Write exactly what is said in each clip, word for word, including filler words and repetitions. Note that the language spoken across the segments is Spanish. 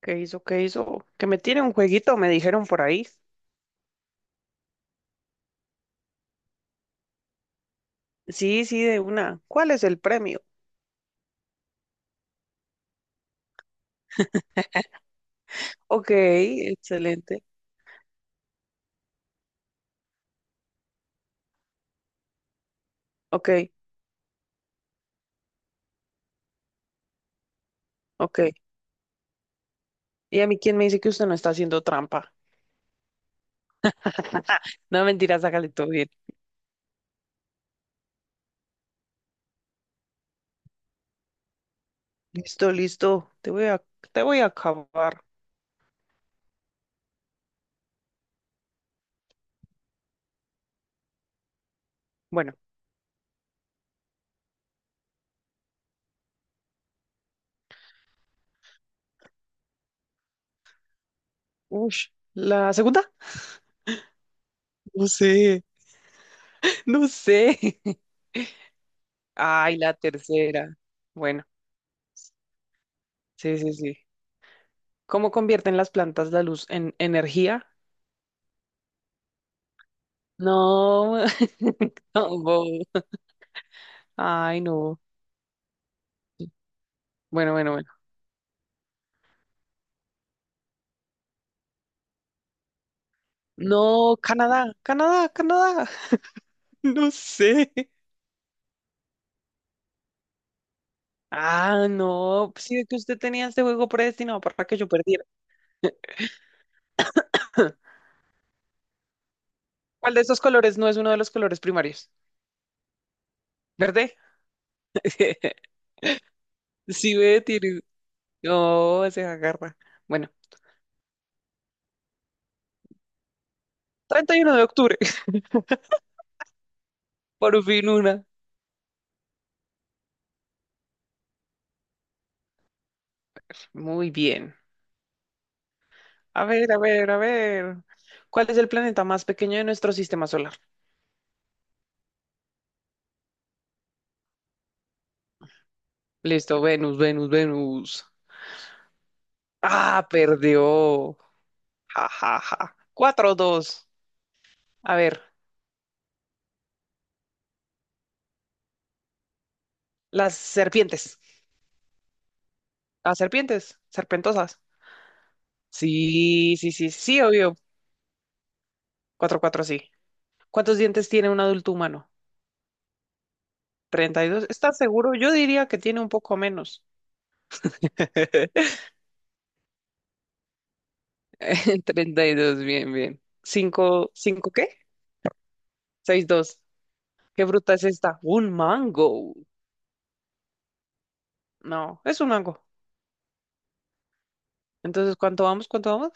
¿Qué hizo? ¿Qué hizo? Que me tiene un jueguito, me dijeron por ahí. Sí, sí, de una. ¿Cuál es el premio? Ok, excelente. Ok, ok. ¿Y a mí quién me dice que usted no está haciendo trampa? No, mentiras, sácale todo bien. Listo, listo. Te voy a, te voy a acabar. Bueno, ush, ¿la segunda? No sé, no sé. Ay, la tercera. Bueno, sí, sí, sí. ¿Cómo convierten las plantas la luz en energía? No, no, Ay, no. Bueno, bueno, bueno. No, Canadá, Canadá, Canadá. No sé. Ah, no. pues Sí, que usted tenía este juego predestinado para que yo perdiera. ¿Cuál de estos colores no es uno de los colores primarios? ¿Verde? Sí, ve, tiene. No, se agarra. Bueno, treinta y uno de octubre. Por fin una. Muy bien. A ver, a ver, a ver. ¿Cuál es el planeta más pequeño de nuestro sistema solar? Listo, Venus, Venus, Venus. Ah, perdió. Ja, ja, ja. Cuatro, dos. A ver, las serpientes. Las serpientes, serpentosas. Sí, sí, sí, sí, obvio. Cuatro, cuatro, sí. ¿Cuántos dientes tiene un adulto humano? Treinta y dos. ¿Estás seguro? Yo diría que tiene un poco menos. Treinta y dos, bien, bien. Cinco, cinco, ¿qué? Seis, dos. ¿Qué fruta es esta? Un mango. No, es un mango. Entonces, ¿cuánto vamos? ¿Cuánto vamos?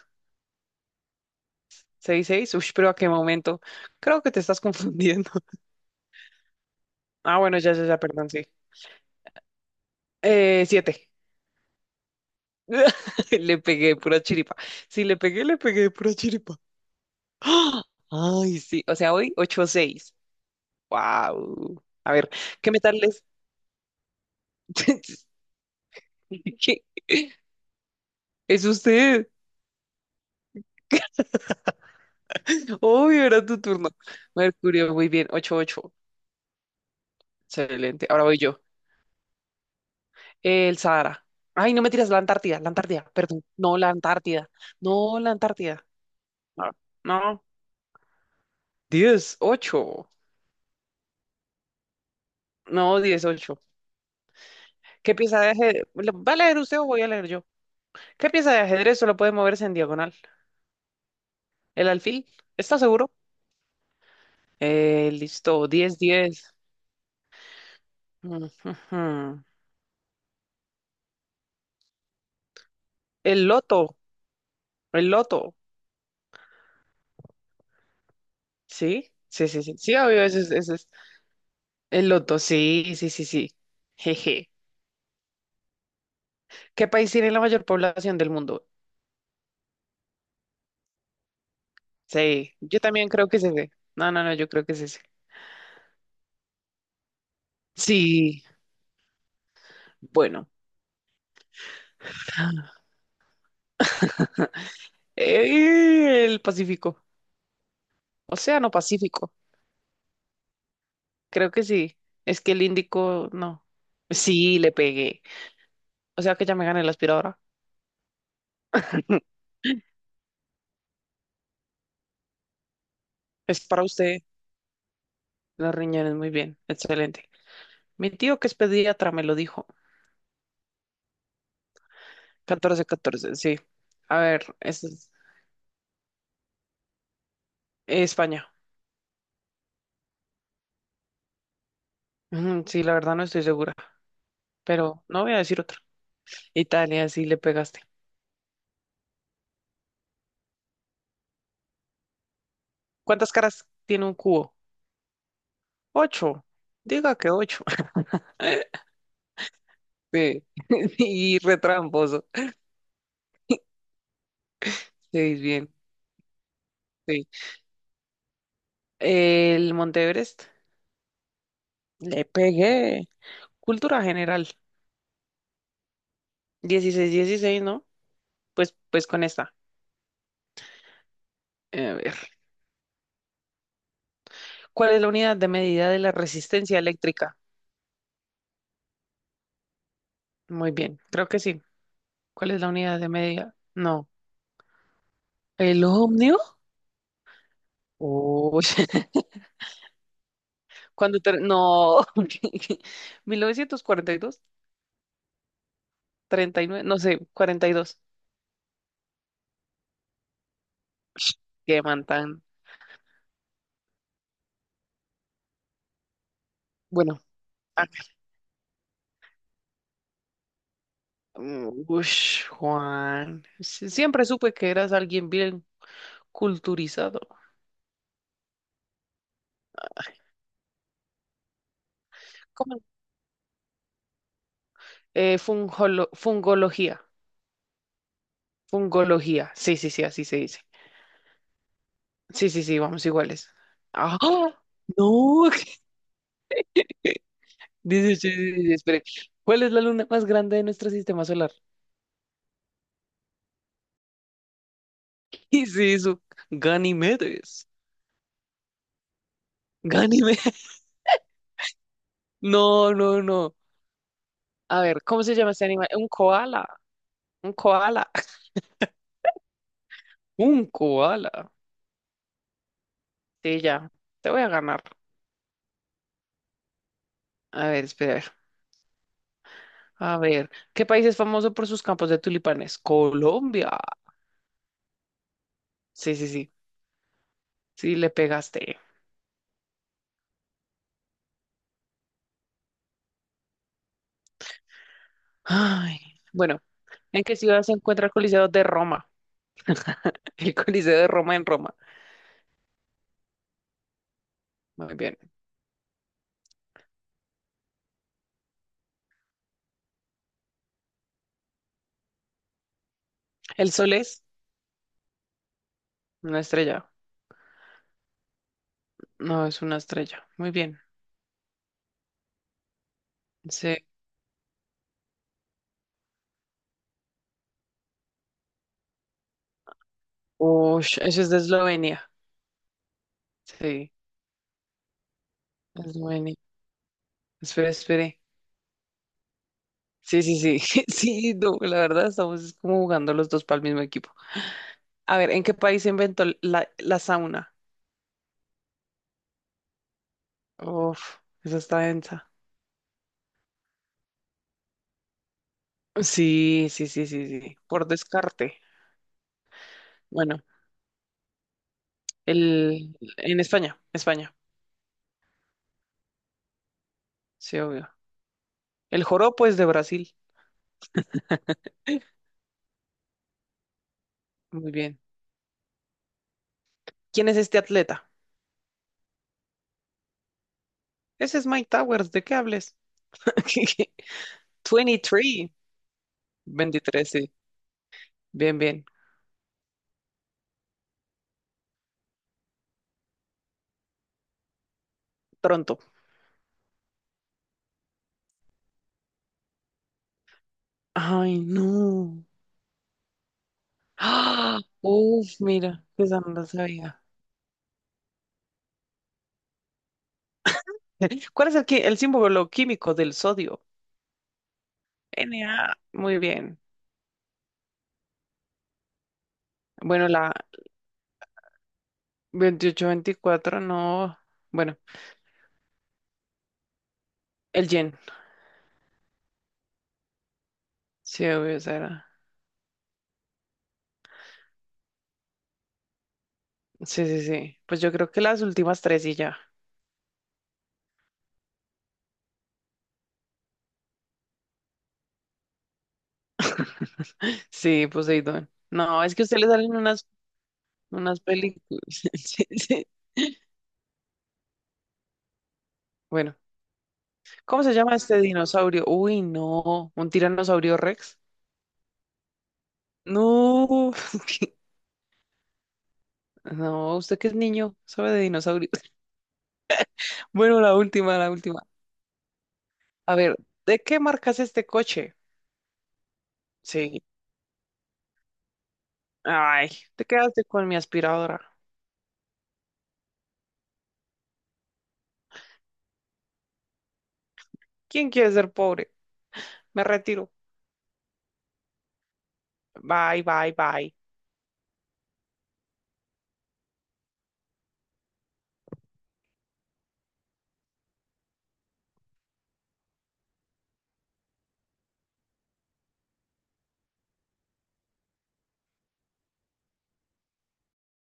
Seis, seis. Uy, pero ¿a qué momento? Creo que te estás confundiendo. Ah, bueno, ya, ya, ya, perdón, sí. Eh, siete. Le pegué pura chiripa. Si le pegué, le pegué pura chiripa. ¡Ah! Ay, sí. O sea, hoy ocho seis. Wow. A ver, ¿qué metal es? ¿Qué? Es usted. Hoy era tu turno. Mercurio, muy bien. Ocho ocho. Excelente. Ahora voy yo. El Sahara. Ay, no me tiras la Antártida, la Antártida, perdón. No, la Antártida. No, la Antártida. No. No. diez ocho. No, dieciocho. ¿Qué pieza de ajedrez? ¿Va a leer usted o voy a leer yo? ¿Qué pieza de ajedrez solo puede moverse en diagonal? ¿El alfil? ¿Está seguro? Eh, listo, Diez, diez. Mm, ujú. El loto, el loto. ¿Sí? Sí, sí, sí. Sí, obvio, ese es, ese es. El loto, sí, sí, sí, sí. Jeje. ¿Qué país tiene la mayor población del mundo? Sí, yo también creo que es ese. No, no, no, yo creo que es ese. Sí, bueno. Eh, el Pacífico. Océano Pacífico. Creo que sí. Es que el índico, no. Sí, le pegué. O sea que ya me gané la aspiradora. Es para usted. Los riñones, muy bien. Excelente. Mi tío que es pediatra me lo dijo. Catorce catorce. sí. A ver, es es España. Ujú, Sí, la verdad no estoy segura. Pero no voy a decir otra. Italia, sí le pegaste. ¿Cuántas caras tiene un cubo? Ocho. Diga que ocho. Sí. Y retramposo. Sí, bien. Sí. El Monte Everest. Le pegué. Cultura general. ¿Dieciséis, dieciséis, no? Pues, pues con esta. A ver. ¿Cuál es la unidad de medida de la resistencia eléctrica? Muy bien, creo que sí. ¿Cuál es la unidad de medida? No. ¿El ohmio? Uy. Cuando ter- No. Mil novecientos cuarenta y dos. Treinta y nueve. no sé, cuarenta y dos. Qué man tan. Bueno. ah, mm, ush, Juan. Sie- Siempre supe que eras alguien bien culturizado. Eh, fungolo- fungología. Fungología. Sí, sí, sí, así se dice. Sí, sí, sí, vamos iguales. ¡Ah! ¡Oh! ¡No! Dice, sí, sí, sí, sí, espere. ¿Cuál es la luna más grande de nuestro sistema solar? Y sí, su Ganímedes. Ganímedes. No, no, no. A ver, ¿cómo se llama este animal? Un koala. Un koala. Un koala. Sí, ya. Te voy a ganar. A ver, espera. A ver. A ver, ¿qué país es famoso por sus campos de tulipanes? Colombia. Sí, sí, sí. Sí, le pegaste. Ay, bueno, ¿en qué ciudad se encuentra el Coliseo de Roma? El Coliseo de Roma en Roma. Muy bien. ¿El sol es una estrella? No, es una estrella. Muy bien. Sí. Ush, eso es de Eslovenia. Sí, Eslovenia. Espere, espere. Sí, sí, sí. Sí, no, la verdad estamos es como jugando los dos para el mismo equipo. A ver, ¿en qué país se inventó la, la sauna? Uf, esa está densa. Sí, sí, sí, sí, sí. Por descarte. Bueno. El, en España, España, sí, obvio. El joropo es de Brasil. Muy bien. ¿Quién es este atleta? Ese es Mike Towers, ¿de qué hables? veintitrés. veintitrés, sí. Bien, bien. Pronto. Ay, no. Ah, uf, mira, esa no la sabía. ¿Cuál es el, qui- el símbolo químico del sodio? Na. Muy bien. Bueno, la veintiocho veinticuatro no. Bueno, el yen. Sí, obvio, esa era. Sí, sí, sí. Pues yo creo que las últimas tres y ya. Sí, Poseidón. No, es que a usted le salen unas, unas películas. Sí, sí. Bueno, ¿cómo se llama este dinosaurio? Uy, no, un tiranosaurio Rex. No, no, usted que es niño, sabe de dinosaurios. Bueno, la última, la última. A ver, ¿de qué marca es este coche? Sí. Ay, te quedaste con mi aspiradora. ¿Quién quiere ser pobre? Me retiro. Bye, bye, bye.